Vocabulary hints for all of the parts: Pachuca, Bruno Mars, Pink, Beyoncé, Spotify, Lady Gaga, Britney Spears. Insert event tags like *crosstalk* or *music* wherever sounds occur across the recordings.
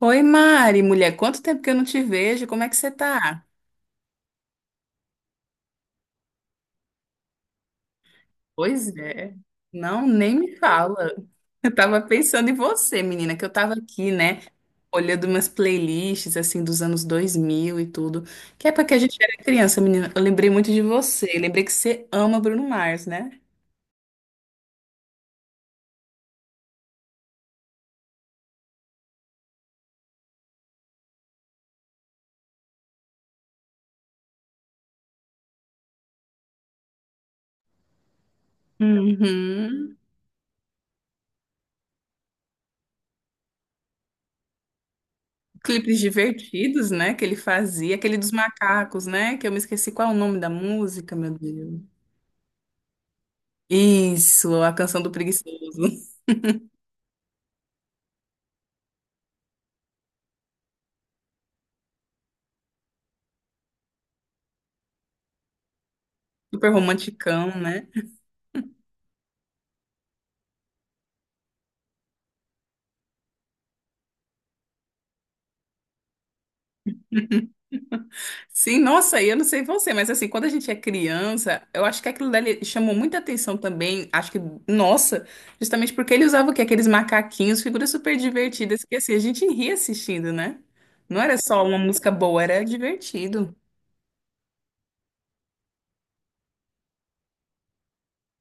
Oi, Mari, mulher, quanto tempo que eu não te vejo? Como é que você tá? Pois é. Não, nem me fala. Eu tava pensando em você, menina, que eu tava aqui, né, olhando umas playlists assim dos anos 2000 e tudo, que época que a gente era criança, menina. Eu lembrei muito de você, lembrei que você ama Bruno Mars, né? Uhum. Clipes divertidos, né, que ele fazia, aquele dos macacos, né, que eu me esqueci qual é o nome da música, meu Deus. Isso, a canção do preguiçoso. Super romanticão, né? Sim, nossa, e eu não sei você, mas assim, quando a gente é criança, eu acho que aquilo dali chamou muita atenção também, acho que, nossa, justamente porque ele usava o quê? Aqueles macaquinhos, figuras super divertidas, que assim, a gente ria assistindo, né? Não era só uma música boa, era divertido.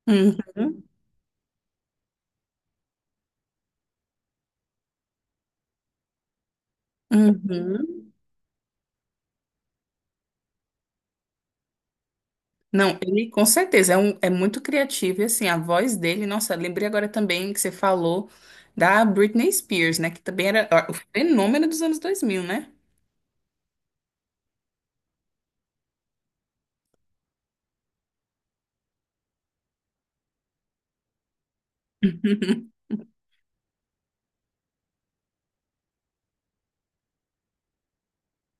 Uhum, uhum. Não, ele com certeza é muito criativo, e assim, a voz dele, nossa, lembrei agora também que você falou da Britney Spears, né? Que também era ó, o fenômeno dos anos 2000, né? *laughs*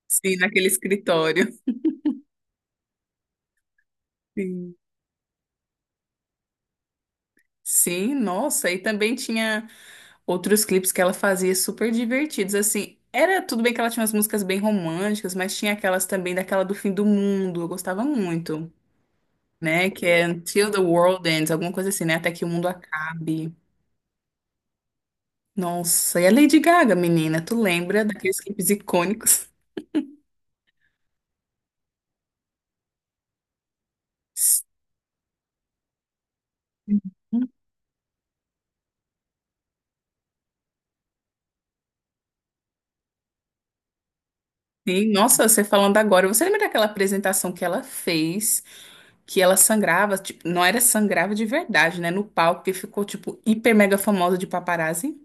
Sim, naquele escritório. Sim. Sim, nossa, e também tinha outros clipes que ela fazia super divertidos, assim, era tudo bem que ela tinha umas músicas bem românticas, mas tinha aquelas também daquela do fim do mundo, eu gostava muito, né, que é Until the World Ends, alguma coisa assim, né, até que o mundo acabe. Nossa, e a Lady Gaga, menina, tu lembra daqueles clipes icônicos? Sim, nossa, você falando agora, você lembra daquela apresentação que ela fez? Que ela sangrava, não era sangrava de verdade, né? No palco que ficou, tipo, hiper mega famosa de paparazzi.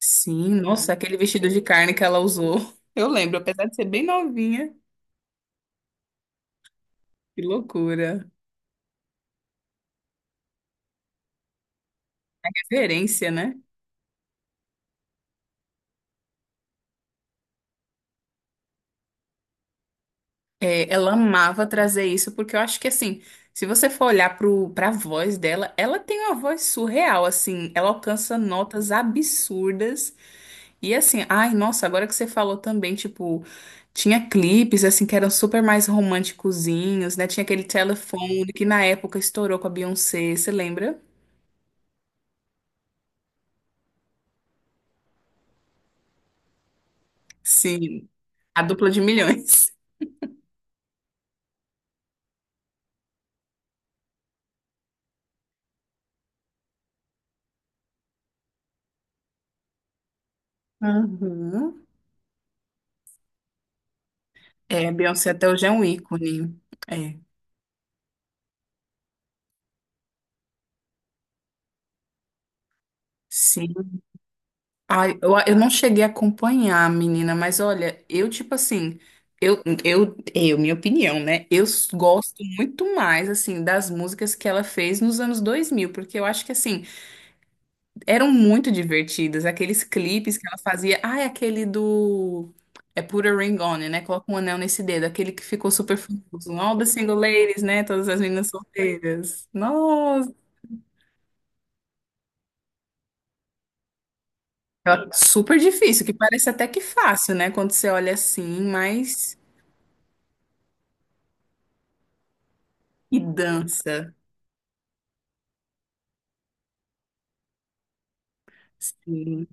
Sim, nossa, aquele vestido de carne que ela usou. *laughs* Eu lembro, apesar de ser bem novinha. Que loucura. Referência, né? É, ela amava trazer isso, porque eu acho que, assim, se você for olhar pra voz dela, ela tem uma voz surreal, assim, ela alcança notas absurdas. E assim, ai, nossa, agora que você falou também, tipo, tinha clipes assim que eram super mais românticozinhos, né? Tinha aquele telefone que na época estourou com a Beyoncé, você lembra? Sim, a dupla de milhões. Uhum. É, a Beyoncé até hoje é um ícone. É, sim. Ai, eu não cheguei a acompanhar, menina, mas olha, eu, tipo assim, eu, minha opinião, né? Gosto muito mais, assim, das músicas que ela fez nos anos 2000 porque eu acho que, assim, eram muito divertidas. Aqueles clipes que ela fazia. Ah, é aquele do. É Put a Ring On It, né? Coloca um anel nesse dedo. Aquele que ficou super famoso. All the single ladies, né? Todas as meninas solteiras. Nossa. Super difícil, que parece até que fácil, né? Quando você olha assim, mas. E dança. Sim.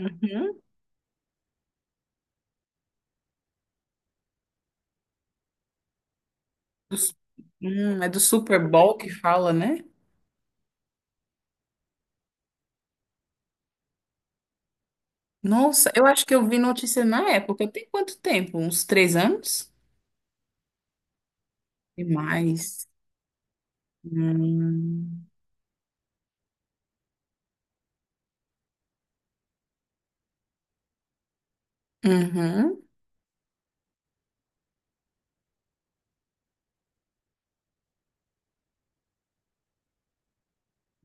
Uhum. Dos- é do Super Bowl que fala, né? Nossa, eu acho que eu vi notícia na época. Tem quanto tempo? Uns 3 anos? E mais. Hum. Uhum.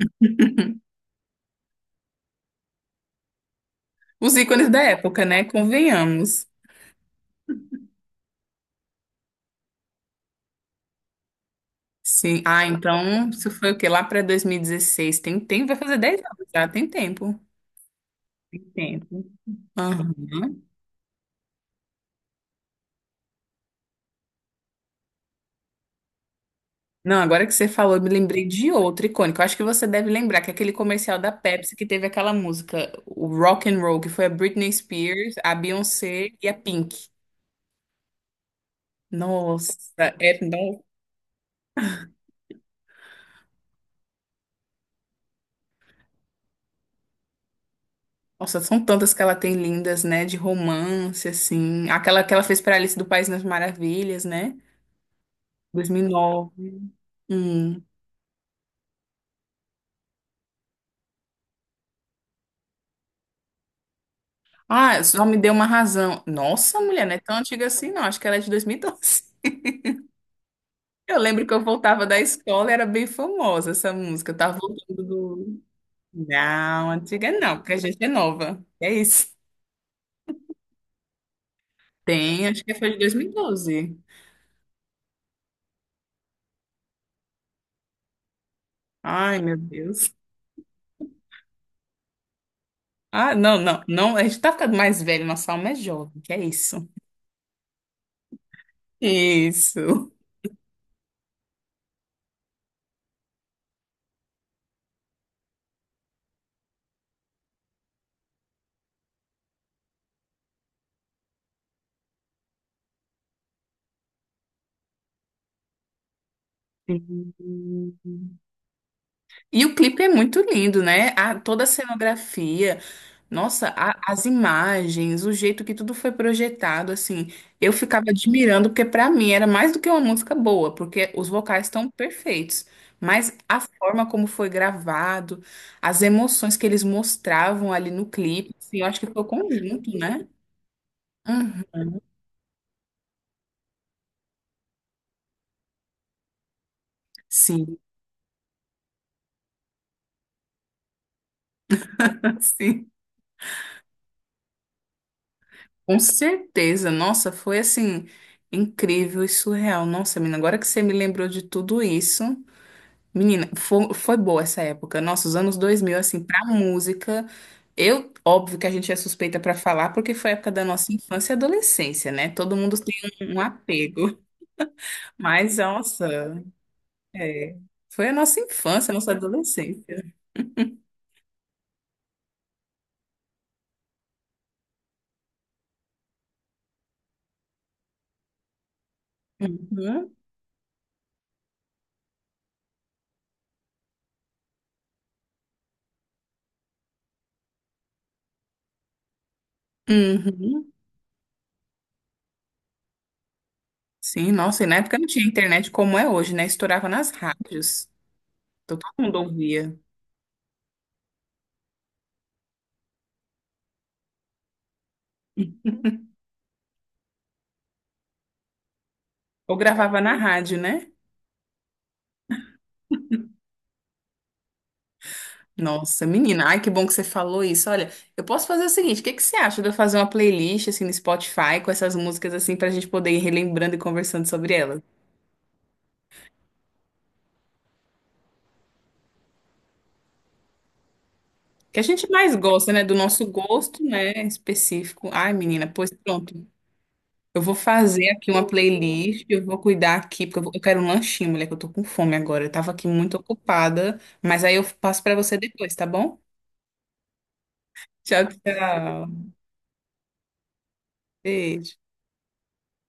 *laughs* Os ícones da época, né? Convenhamos. Sim. Ah, então, isso foi o quê? Lá para 2016. Tem tempo, vai fazer 10 anos já, tem tempo. Tem tempo. Aham. Não, agora que você falou, eu me lembrei de outro icônico. Eu acho que você deve lembrar que é aquele comercial da Pepsi que teve aquela música, o Rock and Roll, que foi a Britney Spears, a Beyoncé e a Pink. Nossa, é, nossa, Nossa, são tantas que ela tem lindas, né? De romance, assim. Aquela que ela fez para Alice do País das Maravilhas, né? 2009. Hum. Ah, só me deu uma razão. Nossa, mulher, não é tão antiga assim, não. Acho que ela é de 2012. Eu lembro que eu voltava da escola e era bem famosa essa música. Eu tava voltando do. Não, antiga não, porque a gente é nova. É isso. Tem, acho que foi de 2012. Ai, meu Deus. Ah, não, não, não. A gente tá ficando mais velho, nossa alma é jovem, que é isso. Isso. Sim. E o clipe é muito lindo, né? Toda a cenografia. Nossa, as imagens, o jeito que tudo foi projetado, assim, eu ficava admirando, porque pra mim era mais do que uma música boa, porque os vocais estão perfeitos, mas a forma como foi gravado, as emoções que eles mostravam ali no clipe, assim, eu acho que foi o conjunto, né? Uhum. Sim, *laughs* sim, com certeza. Nossa, foi assim, incrível e surreal. Nossa, menina, agora que você me lembrou de tudo isso. Menina, foi boa essa época. Nossa, os anos 2000 assim, pra música. Óbvio que a gente é suspeita pra falar, porque foi a época da nossa infância e adolescência, né? Todo mundo tem um apego. *laughs* Mas, nossa, é, foi a nossa infância, a nossa adolescência. Uhum, uhum. Sim, nossa, e na época não tinha internet como é hoje, né? Estourava nas rádios. Então todo mundo ouvia. Ou gravava na rádio, né? Nossa, menina, ai que bom que você falou isso. Olha, eu posso fazer o seguinte, o que que você acha de eu fazer uma playlist assim no Spotify com essas músicas assim pra gente poder ir relembrando e conversando sobre elas? Que a gente mais gosta, né, do nosso gosto, né, específico. Ai, menina, pois pronto. Eu vou fazer aqui uma playlist, eu vou cuidar aqui, porque eu quero um lanchinho, mulher, que eu tô com fome agora. Eu tava aqui muito ocupada, mas aí eu passo pra você depois, tá bom? Tchau, tchau. Beijo.